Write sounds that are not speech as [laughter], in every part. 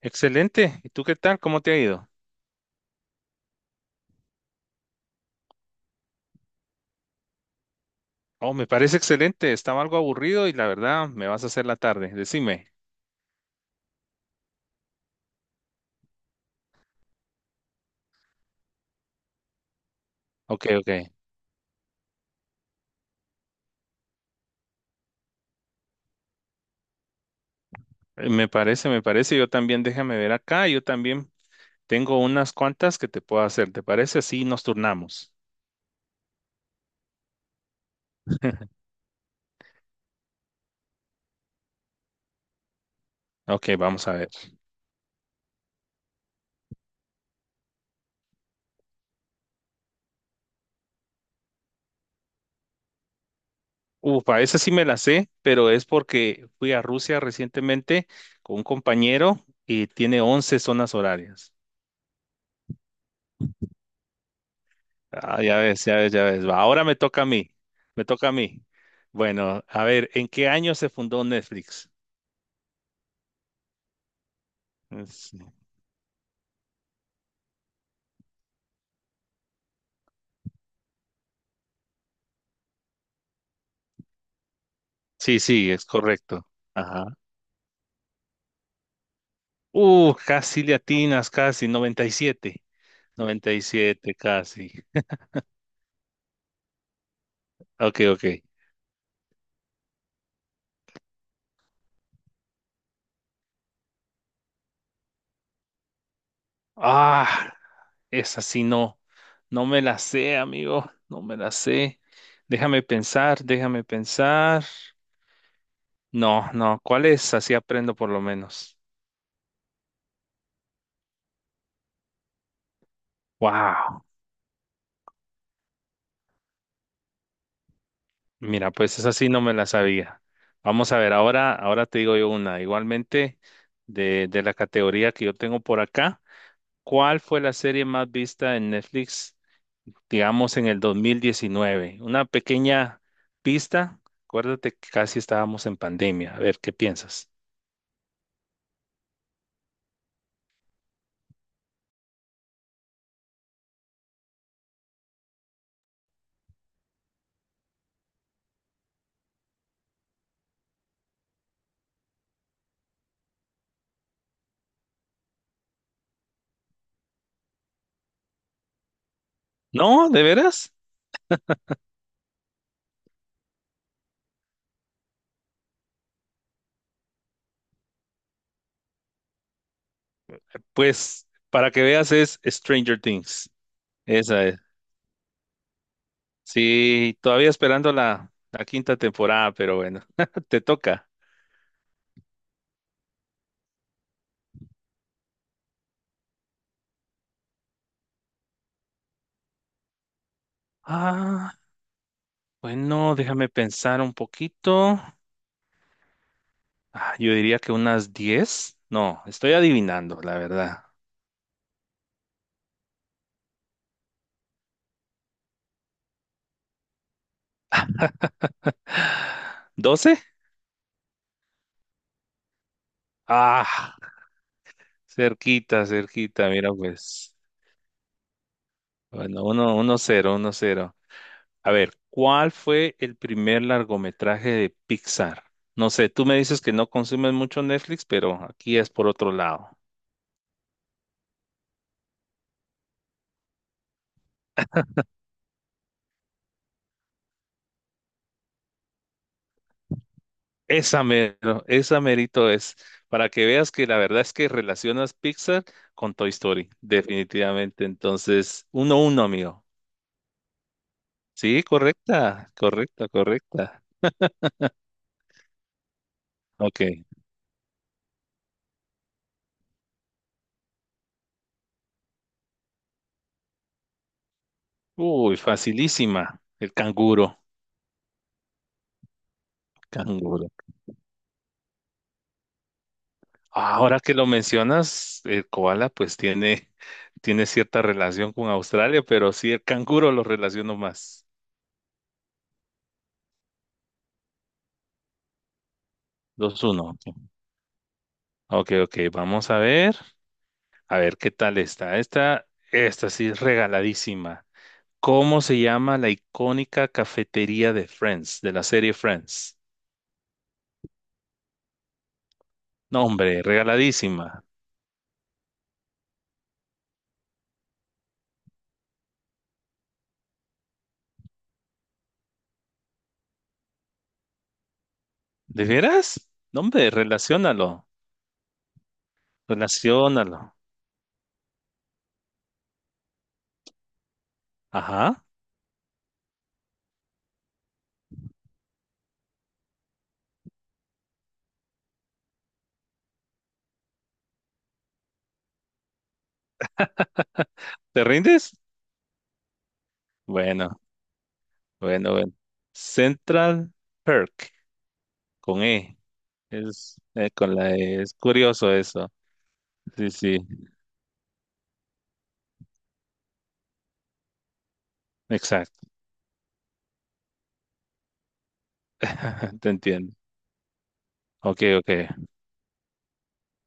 Excelente. ¿Y tú qué tal? ¿Cómo te ha ido? Oh, me parece excelente. Estaba algo aburrido y la verdad me vas a hacer la tarde. Decime. Ok, ok. Me parece, me parece. Yo también, déjame ver acá. Yo también tengo unas cuantas que te puedo hacer. ¿Te parece? Así nos turnamos. Ok, vamos a ver. Upa, esa sí me la sé, pero es porque fui a Rusia recientemente con un compañero y tiene 11 zonas horarias. Ah, ya ves, ya ves, ya ves. Va, ahora me toca a mí. Me toca a mí. Bueno, a ver, ¿en qué año se fundó Netflix? Es- Sí, sí, es correcto. Ajá. Casi le atinas, casi, noventa y siete, casi. Ok, ok. Ah, esa sí no. No me la sé, amigo. No me la sé. Déjame pensar, déjame pensar. No, no, ¿cuál es? Así aprendo por lo menos. Wow. Mira, pues esa sí no me la sabía. Vamos a ver, ahora, ahora te digo yo una. Igualmente, de la categoría que yo tengo por acá, ¿cuál fue la serie más vista en Netflix, digamos, en el 2019? Una pequeña pista. Acuérdate que casi estábamos en pandemia. A ver, ¿qué piensas? ¿No? ¿De veras? Pues para que veas es Stranger Things. Esa es. Sí, todavía esperando la quinta temporada, pero bueno, [laughs] te toca. Ah. Bueno, déjame pensar un poquito. Ah, yo diría que unas 10. No, estoy adivinando, la verdad. 12. Ah, cerquita, cerquita, mira pues. Bueno, uno, uno cero, uno cero. A ver, ¿cuál fue el primer largometraje de Pixar? No sé, tú me dices que no consumes mucho Netflix, pero aquí es por otro lado. Esa mero, esa merito es, para que veas que la verdad es que relacionas Pixar con Toy Story, definitivamente. Entonces, uno uno, amigo. Sí, correcta, correcta, correcta. Ok. Uy, facilísima. El canguro, canguro. Ahora que lo mencionas, el koala pues tiene cierta relación con Australia, pero sí el canguro lo relaciono más. Dos uno. Ok, ok, ok, vamos a ver. A ver, ¿qué tal está? Esta sí es regaladísima. ¿Cómo se llama la icónica cafetería de Friends, de la serie Friends? No, hombre, regaladísima. ¿De veras? No, hombre, relaciónalo, relaciónalo. Ajá, ¿te rindes? Bueno, bueno, bueno. Central Perk, con E. Es, con la E. Es curioso eso. Sí, sí, exacto. [laughs] Te entiendo. Ok, ok,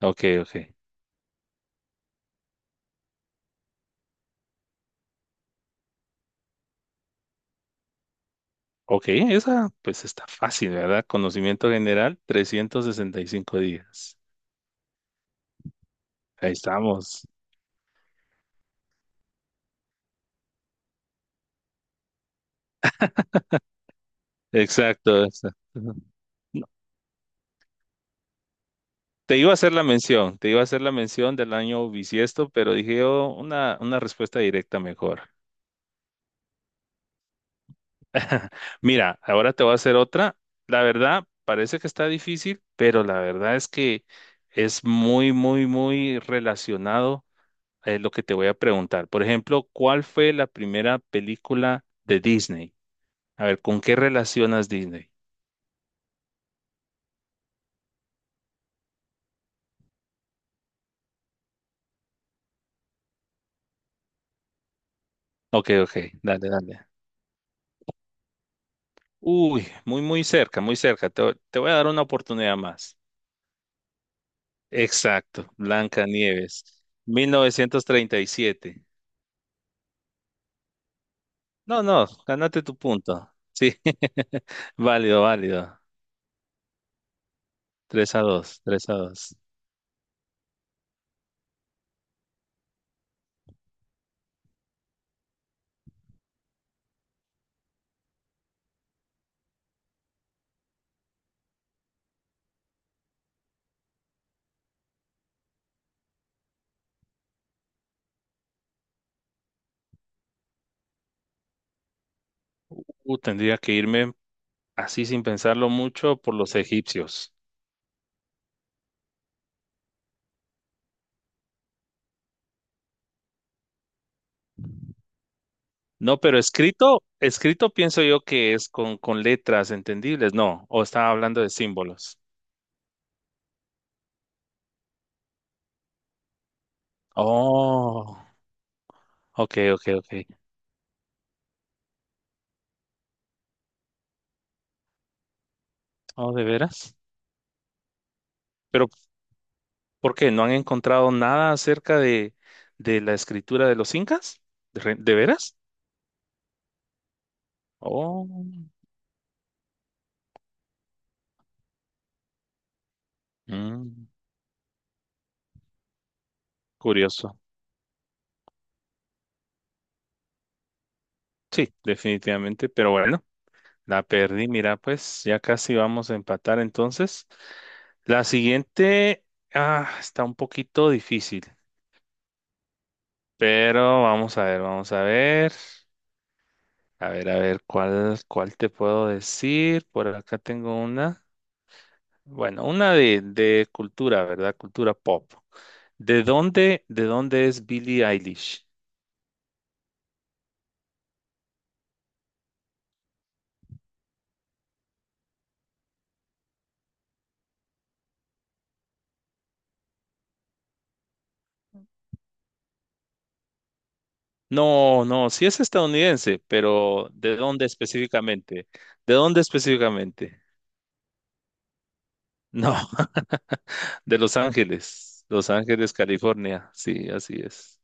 ok, ok. Ok, esa pues está fácil, ¿verdad? Conocimiento general, 365 días. Ahí estamos. Exacto, exacto. No, te iba a hacer la mención, te iba a hacer la mención del año bisiesto, pero dije yo una respuesta directa mejor. [laughs] Mira, ahora te voy a hacer otra. La verdad, parece que está difícil, pero la verdad es que es muy, muy, muy relacionado a lo que te voy a preguntar. Por ejemplo, ¿cuál fue la primera película de Disney? A ver, ¿con qué relacionas Disney? Ok, ok, dale, dale. Uy, muy, muy cerca, muy cerca. Te voy a dar una oportunidad más. Exacto, Blanca Nieves, 1937. No, no, ganate tu punto. Sí, [laughs] válido, válido. 3 a 2, 3 a 2. Tendría que irme así sin pensarlo mucho por los egipcios. No, pero escrito, escrito pienso yo que es con letras entendibles, no, o estaba hablando de símbolos. Oh. Ok, ok, ok. Oh, ¿de veras? ¿Pero por qué? ¿No han encontrado nada acerca de la escritura de los incas? ¿De veras? Oh, mm, curioso. Sí, definitivamente, pero bueno, la perdí. Mira, pues ya casi vamos a empatar entonces. La siguiente, ah, está un poquito difícil, pero vamos a ver, vamos a ver. A ver, a ver, ¿cuál te puedo decir? Por acá tengo una. Bueno, una de cultura, ¿verdad? Cultura pop. ¿De dónde es Billie Eilish? No, no, sí es estadounidense, pero ¿de dónde específicamente? ¿De dónde específicamente? No, [laughs] de Los Ángeles, Los Ángeles, California. Sí, así es.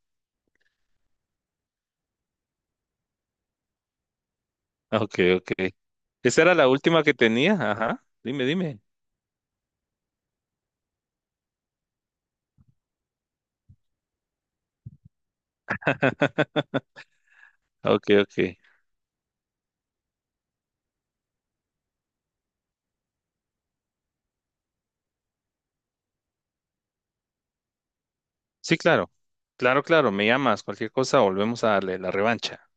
Ok, ok. Esa era la última que tenía, ajá. Dime, dime. [laughs] Ok, ok. Sí, claro. Claro, claro, me llamas, cualquier cosa, volvemos a darle la revancha.